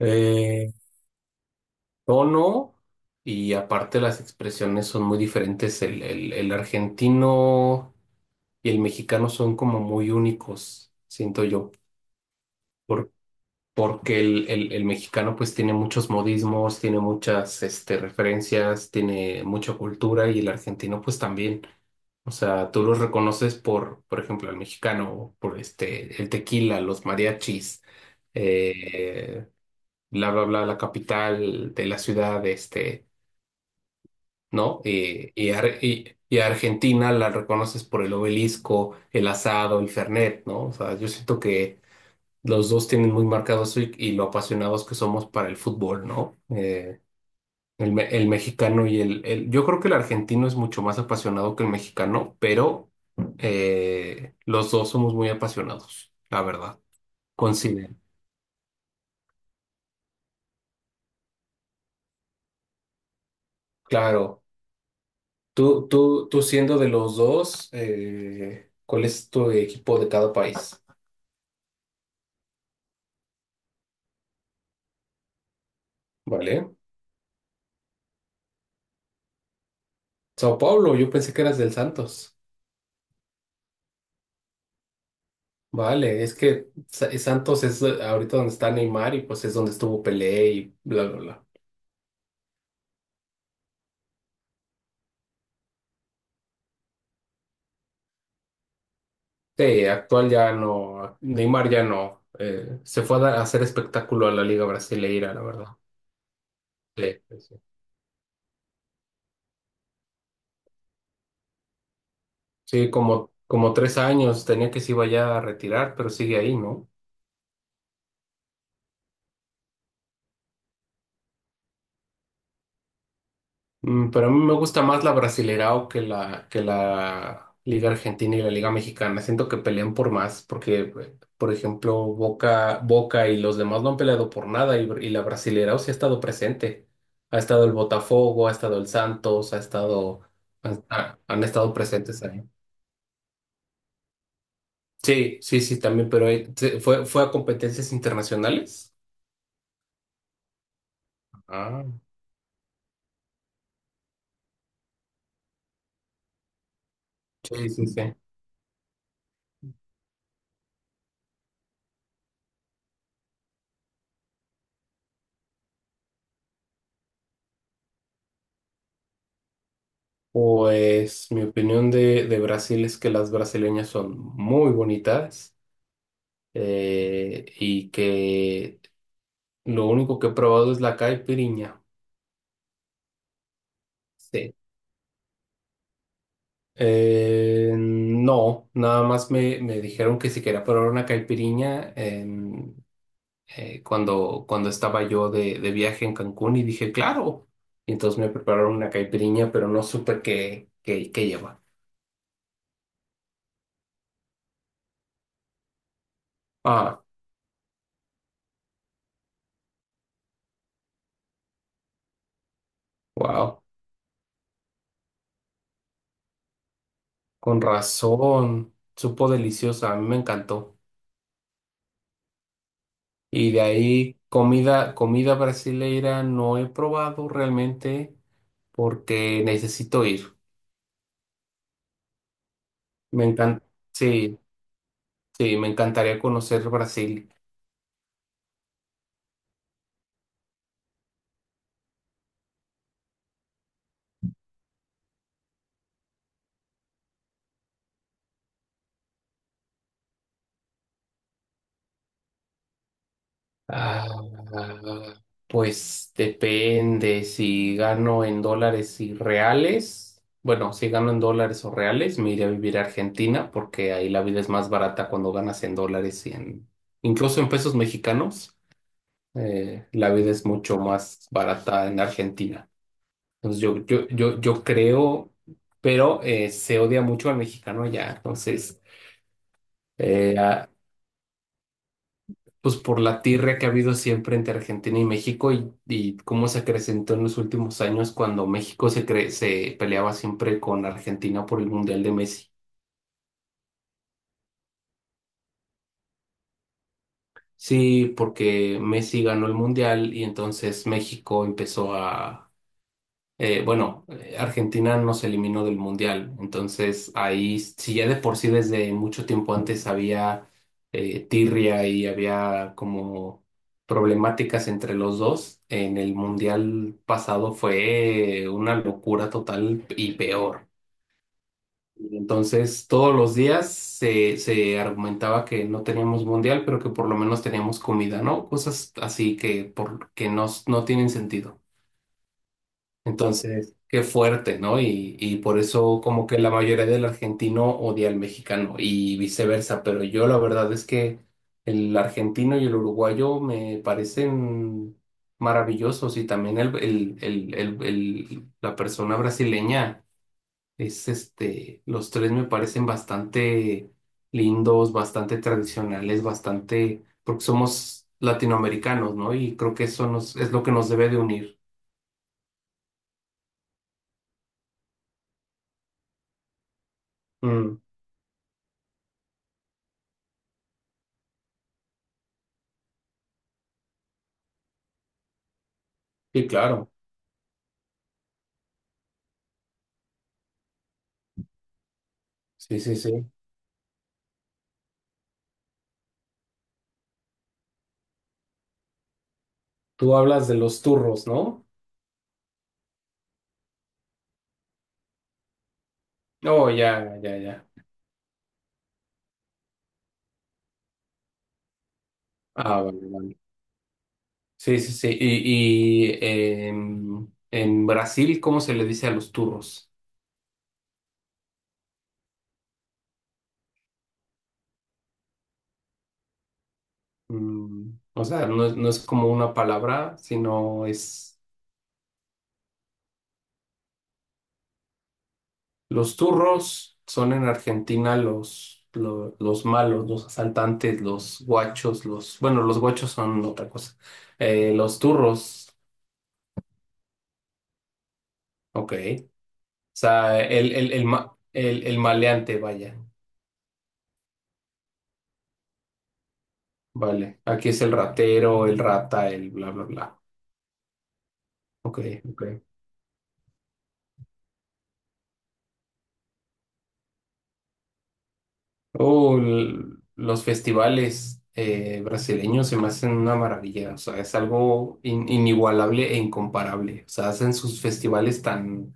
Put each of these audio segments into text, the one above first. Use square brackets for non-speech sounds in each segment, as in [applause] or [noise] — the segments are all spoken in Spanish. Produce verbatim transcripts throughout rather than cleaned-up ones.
Eh, Tono y aparte las expresiones son muy diferentes. El, el, el argentino y el mexicano son como muy únicos, siento yo, por- porque el, el, el mexicano pues tiene muchos modismos, tiene muchas este, referencias, tiene mucha cultura y el argentino pues también. O sea, tú los reconoces por, por ejemplo, el mexicano, por este, el tequila, los mariachis, eh, bla, bla, bla, la capital de la ciudad, este. ¿No? Eh, y, Ar- y- y a Argentina la reconoces por el obelisco, el asado, el Fernet, ¿no? O sea, yo siento que los dos tienen muy marcado eso y, y lo apasionados que somos para el fútbol, ¿no? Eh, el, me- el mexicano y el, el- Yo creo que el argentino es mucho más apasionado que el mexicano, pero eh, los dos somos muy apasionados, la verdad. Coinciden. Claro. Tú, tú, tú siendo de los dos, eh, ¿cuál es tu equipo de cada país? ¿Vale? Sao Paulo, yo pensé que eras del Santos. Vale, es que Sa- Santos es eh, ahorita donde está Neymar y pues es donde estuvo Pelé y bla, bla, bla. Sí, actual ya no, Neymar ya no. Eh, se fue a, dar- a hacer espectáculo a la Liga Brasileira, la verdad. Sí, sí, sí. Sí, como, como tres años tenía que se iba ya a retirar, pero sigue ahí, ¿no? Mm, Pero a mí me gusta más la Brasileirao que la, que la Liga Argentina y la Liga Mexicana. Siento que pelean por más, porque, eh, por ejemplo, Boca, Boca y los demás no han peleado por nada y, y la Brasileirao sí ha estado presente. Ha estado el Botafogo, ha estado el Santos, ha estado, han, ha- han estado presentes ahí. Sí, sí, sí, también, pero eh, se- fue, fue a competencias internacionales. Ah. Sí, sí, sí. Pues mi opinión de, de Brasil es que las brasileñas son muy bonitas eh, y que lo único que he probado es la caipirinha. Sí. Eh, no, nada más me, me dijeron que si quería probar una caipirinha en- eh, cuando, cuando estaba yo de, de viaje en Cancún y dije, claro. Y entonces me prepararon una caipirinha, pero no supe qué, qué, qué lleva. Ah, wow. Con razón, supo deliciosa, a mí me encantó. Y de ahí comida, comida brasileira no he probado realmente porque necesito ir. Me encanta, sí, sí, me encantaría conocer Brasil. Ah, pues depende si gano en dólares y reales. Bueno, si gano en dólares o reales, me iré a vivir a Argentina porque ahí la vida es más barata cuando ganas en dólares y en, incluso en pesos mexicanos. Eh, la vida es mucho más barata en Argentina. Entonces yo, yo, yo, yo creo, pero eh, se odia mucho al mexicano allá. Entonces, eh, ah, pues por la tirria que ha habido siempre entre Argentina y México y, y cómo se acrecentó en los últimos años cuando México se, cre- se peleaba siempre con Argentina por el Mundial de Messi. Sí, porque Messi ganó el Mundial y entonces México empezó a Eh, bueno, eh, Argentina nos eliminó del Mundial, entonces ahí, si ya de por sí desde mucho tiempo antes había eh, tirria y había como problemáticas entre los dos, en el Mundial pasado fue una locura total y peor. Entonces todos los días se, se argumentaba que no teníamos Mundial, pero que por lo menos teníamos comida, ¿no? Cosas así que, por, que no, no tienen sentido. Entonces, qué fuerte, ¿no? Y, y por eso como que la mayoría del argentino odia al mexicano y viceversa, pero yo la verdad es que el argentino y el uruguayo me parecen maravillosos y también el, el, el, el- el- la persona brasileña es este, los tres me parecen bastante lindos, bastante tradicionales, bastante, porque somos latinoamericanos, ¿no? Y creo que eso nos, es lo que nos debe de unir. Mm, sí, claro. Sí, sí, sí. Tú hablas de los turros, ¿no? Oh, ya, ya, ya. Ah, vale, vale. Sí, sí, sí. Y, y em, en Brasil, ¿cómo se le dice a los turros? Mm, o sea, no es, no es como una palabra, sino es... Los turros son en Argentina los, lo- los, malos, los asaltantes, los guachos, los... Bueno, los guachos son otra cosa. Eh, los turros, ok. O sea, el, el, el, ma- el, el maleante, vaya. Vale, aquí es el ratero, el rata, el bla, bla, bla. Ok, ok. Oh, l- los festivales eh, brasileños se me hacen una maravilla, o sea, es algo in- inigualable e incomparable. O sea, hacen sus festivales tan,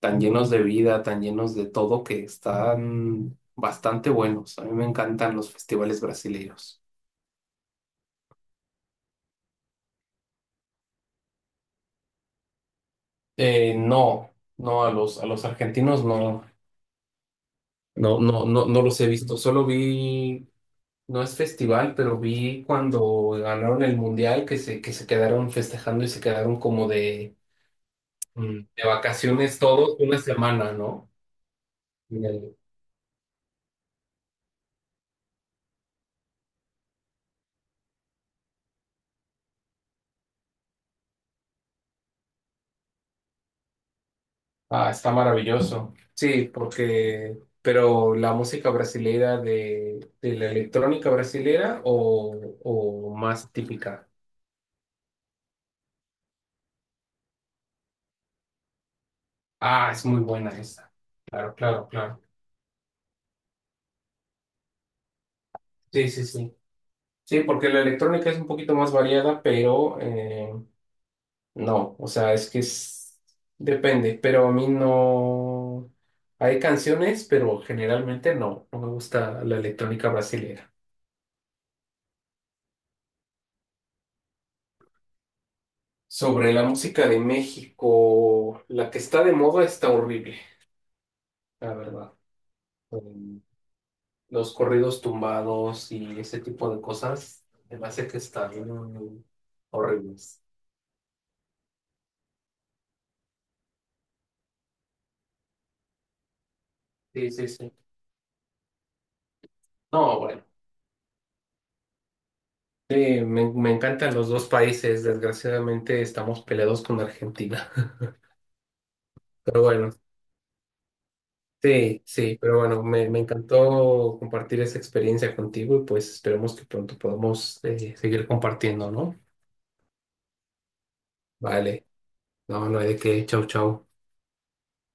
tan llenos de vida, tan llenos de todo, que están bastante buenos. A mí me encantan los festivales brasileños. Eh, no, no, a los, a los argentinos no. No, no, no, no los he visto. Solo vi No es festival, pero vi cuando ganaron el mundial que se, que se quedaron festejando y se quedaron como de, mm, de vacaciones todos una semana, ¿no? En el- Ah, está maravilloso. Sí, porque, pero la música brasileira de, de la electrónica brasileira o, o más típica. Ah, es muy buena esa. Claro, claro, claro. Sí, sí, sí. Sí, porque la electrónica es un poquito más variada, pero eh, no, o sea, es que es... depende, pero a mí no... Hay canciones, pero generalmente no, no me gusta la electrónica brasileña. Sobre la música de México, la que está de moda está horrible, la verdad. Mm, Los corridos tumbados y ese tipo de cosas, me parece que están horribles. Sí, sí, sí. No, bueno. Sí, me, me encantan los dos países, desgraciadamente estamos peleados con Argentina. [laughs] Pero bueno. Sí, sí, pero bueno, me, me encantó compartir esa experiencia contigo y pues esperemos que pronto podamos eh, seguir compartiendo, ¿no? Vale, no, no hay de qué, chau, chau.